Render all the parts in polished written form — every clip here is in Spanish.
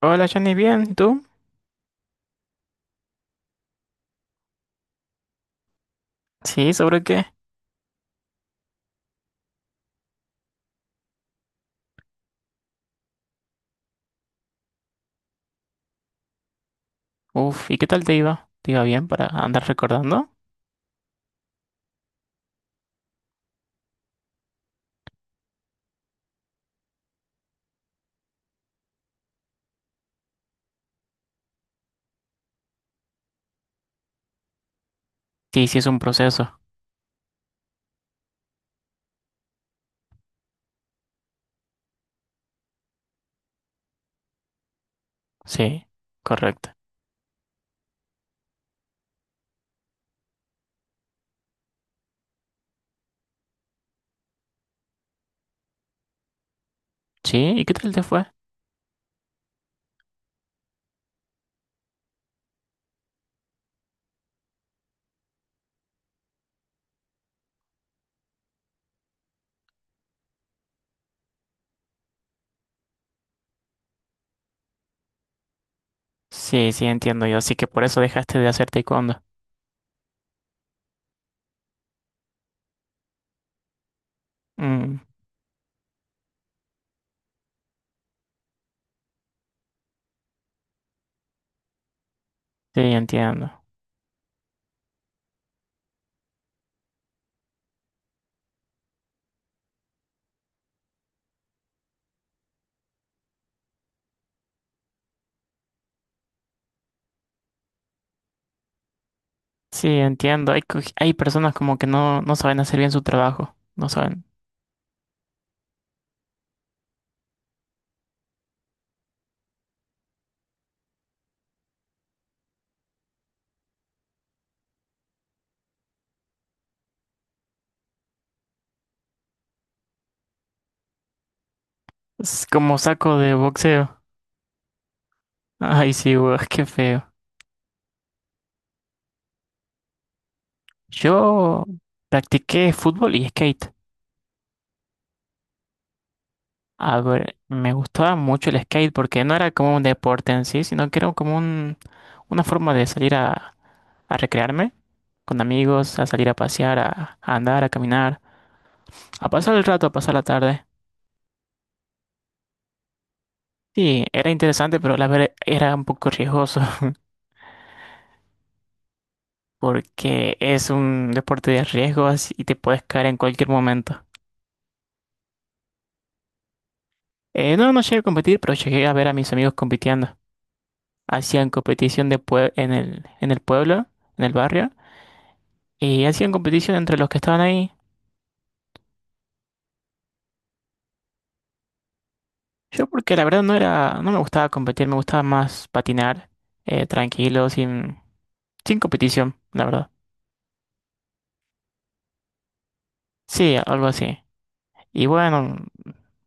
Hola Johnny, bien, ¿tú? Sí, ¿sobre qué? Uf, ¿y qué tal te iba? ¿Te iba bien para andar recordando? Sí, sí es un proceso. Sí, correcto. Sí, ¿y qué tal te fue? Sí, sí, entiendo yo, así que por eso dejaste de hacer taekwondo. Mm, sí, entiendo. Sí, entiendo. Hay, hay personas como que no, no saben hacer bien su trabajo. No saben. Es como saco de boxeo. Ay, sí, weón, qué feo. Yo practiqué fútbol y skate. A ver, me gustaba mucho el skate porque no era como un deporte en sí, sino que era como una forma de salir a recrearme con amigos, a salir a pasear, a andar, a caminar, a pasar el rato, a pasar la tarde. Sí, era interesante, pero la verdad era un poco riesgoso porque es un deporte de riesgos y te puedes caer en cualquier momento. No, no llegué a competir, pero llegué a ver a mis amigos compitiendo. Hacían competición de en el pueblo, en el barrio, y hacían competición entre los que estaban ahí. Yo porque la verdad no era, no me gustaba competir, me gustaba más patinar, tranquilo, sin competición, la verdad. Sí, algo así. Y bueno,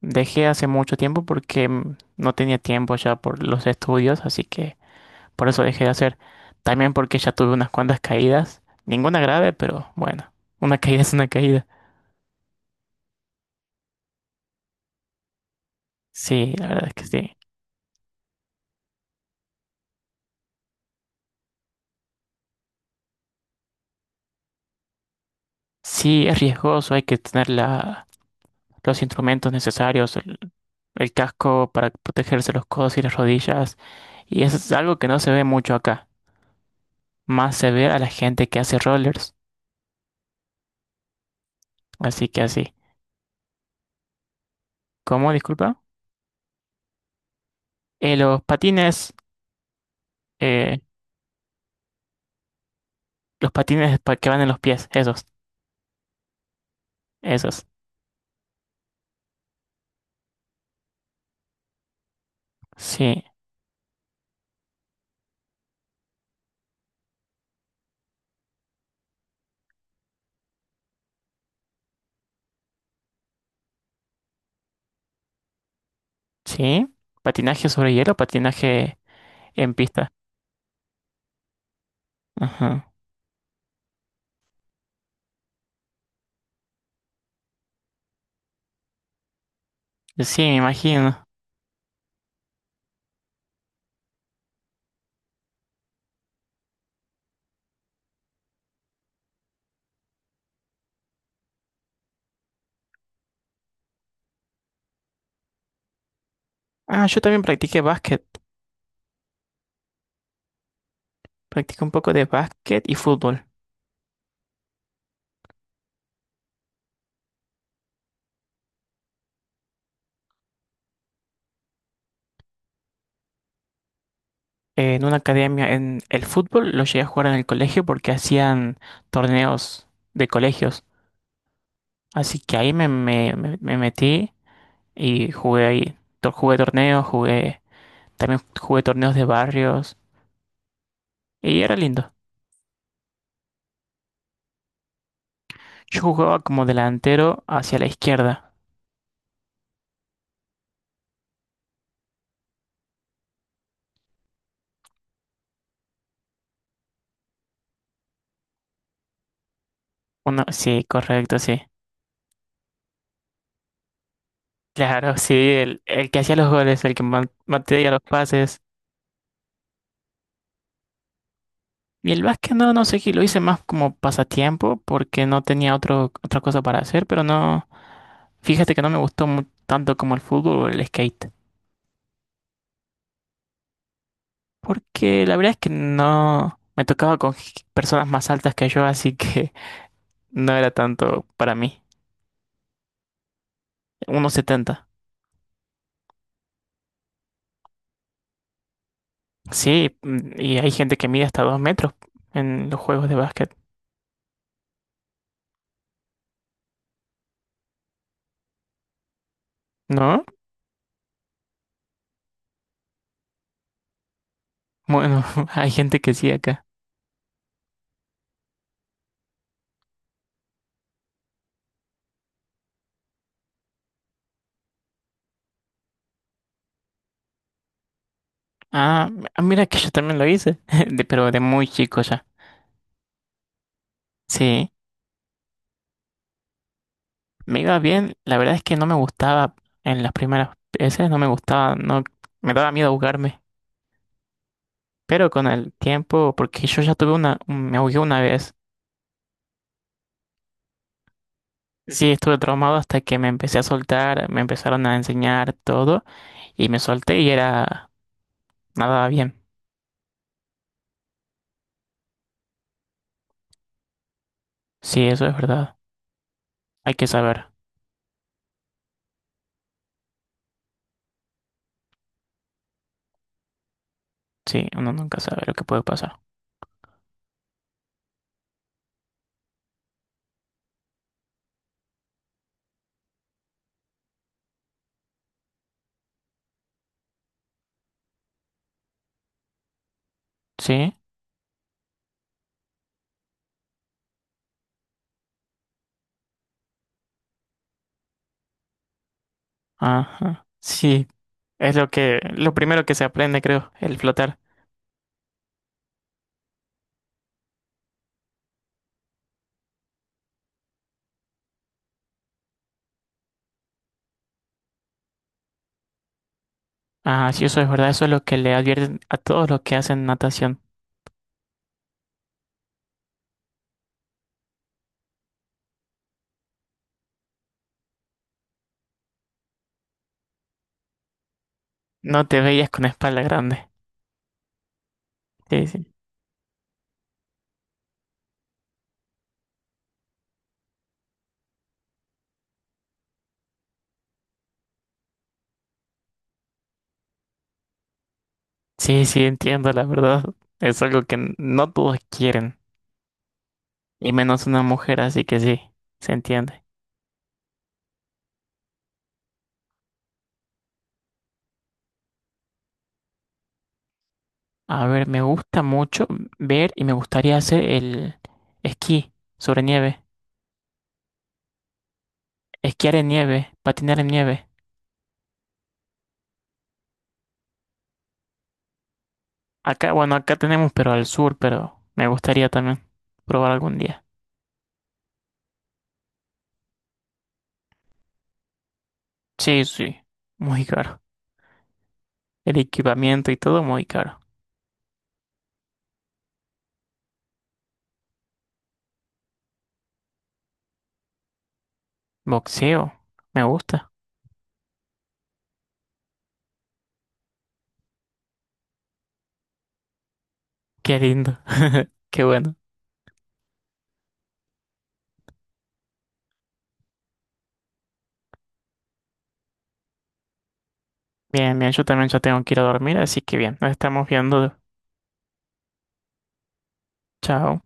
dejé hace mucho tiempo porque no tenía tiempo ya por los estudios, así que por eso dejé de hacer. También porque ya tuve unas cuantas caídas, ninguna grave, pero bueno, una caída es una caída. Sí, la verdad es que sí. Sí, es riesgoso, hay que tener los instrumentos necesarios, el casco para protegerse los codos y las rodillas. Y eso es algo que no se ve mucho acá. Más se ve a la gente que hace rollers. Así que así. ¿Cómo? Disculpa. Los patines. eh, los patines que van en los pies. Esos. Esos. Sí. Sí. Patinaje sobre hielo, patinaje en pista. Ajá. Sí, me imagino. Ah, yo también practiqué básquet. Practiqué un poco de básquet y fútbol. En una academia, en el fútbol lo llegué a jugar en el colegio porque hacían torneos de colegios. Así que ahí me metí y jugué ahí. Jugué torneos, jugué, también jugué torneos de barrios y era lindo. Yo jugaba como delantero hacia la izquierda. Uno, sí, correcto, sí. Claro, sí, el que hacía los goles, el que mantenía los pases. Y el básquet no, no sé qué, lo hice más como pasatiempo porque no tenía otro, otra cosa para hacer, pero no, fíjate que no me gustó tanto como el fútbol o el skate. Porque la verdad es que no me tocaba con personas más altas que yo, así que no era tanto para mí. 1,70. Sí, mm, y hay gente que mide hasta 2 metros en los juegos de básquet, ¿no? Bueno, hay gente que sí acá. Ah, ah, mira que yo también lo hice, pero de muy chico ya. Sí, me iba bien, la verdad es que no me gustaba en las primeras veces, no me gustaba, no me daba miedo ahogarme. Pero con el tiempo, porque yo ya tuve una, me ahogué una vez. Sí, estuve traumado hasta que me empecé a soltar, me empezaron a enseñar todo y me solté y era nada bien. Sí, eso es verdad. Hay que saber. Sí, uno nunca sabe lo que puede pasar. Sí, ajá. Sí, es lo que, lo primero que se aprende, creo, el flotar. Ah, sí, eso es verdad. Eso es lo que le advierten a todos los que hacen natación. No te veías con espalda grande. Sí, sí. Sí, sí, entiendo, la verdad. Es algo que no todos quieren, y menos una mujer, así que sí, se entiende. A ver, me gusta mucho ver y me gustaría hacer el esquí sobre nieve, esquiar en nieve, patinar en nieve. Acá, bueno, acá tenemos, pero al sur, pero me gustaría también probar algún día. Sí, sí, muy caro. El equipamiento y todo muy caro. Boxeo, me gusta. Qué lindo. Qué bueno. Bien, bien, yo también ya tengo que ir a dormir, así que bien, nos estamos viendo. Chao.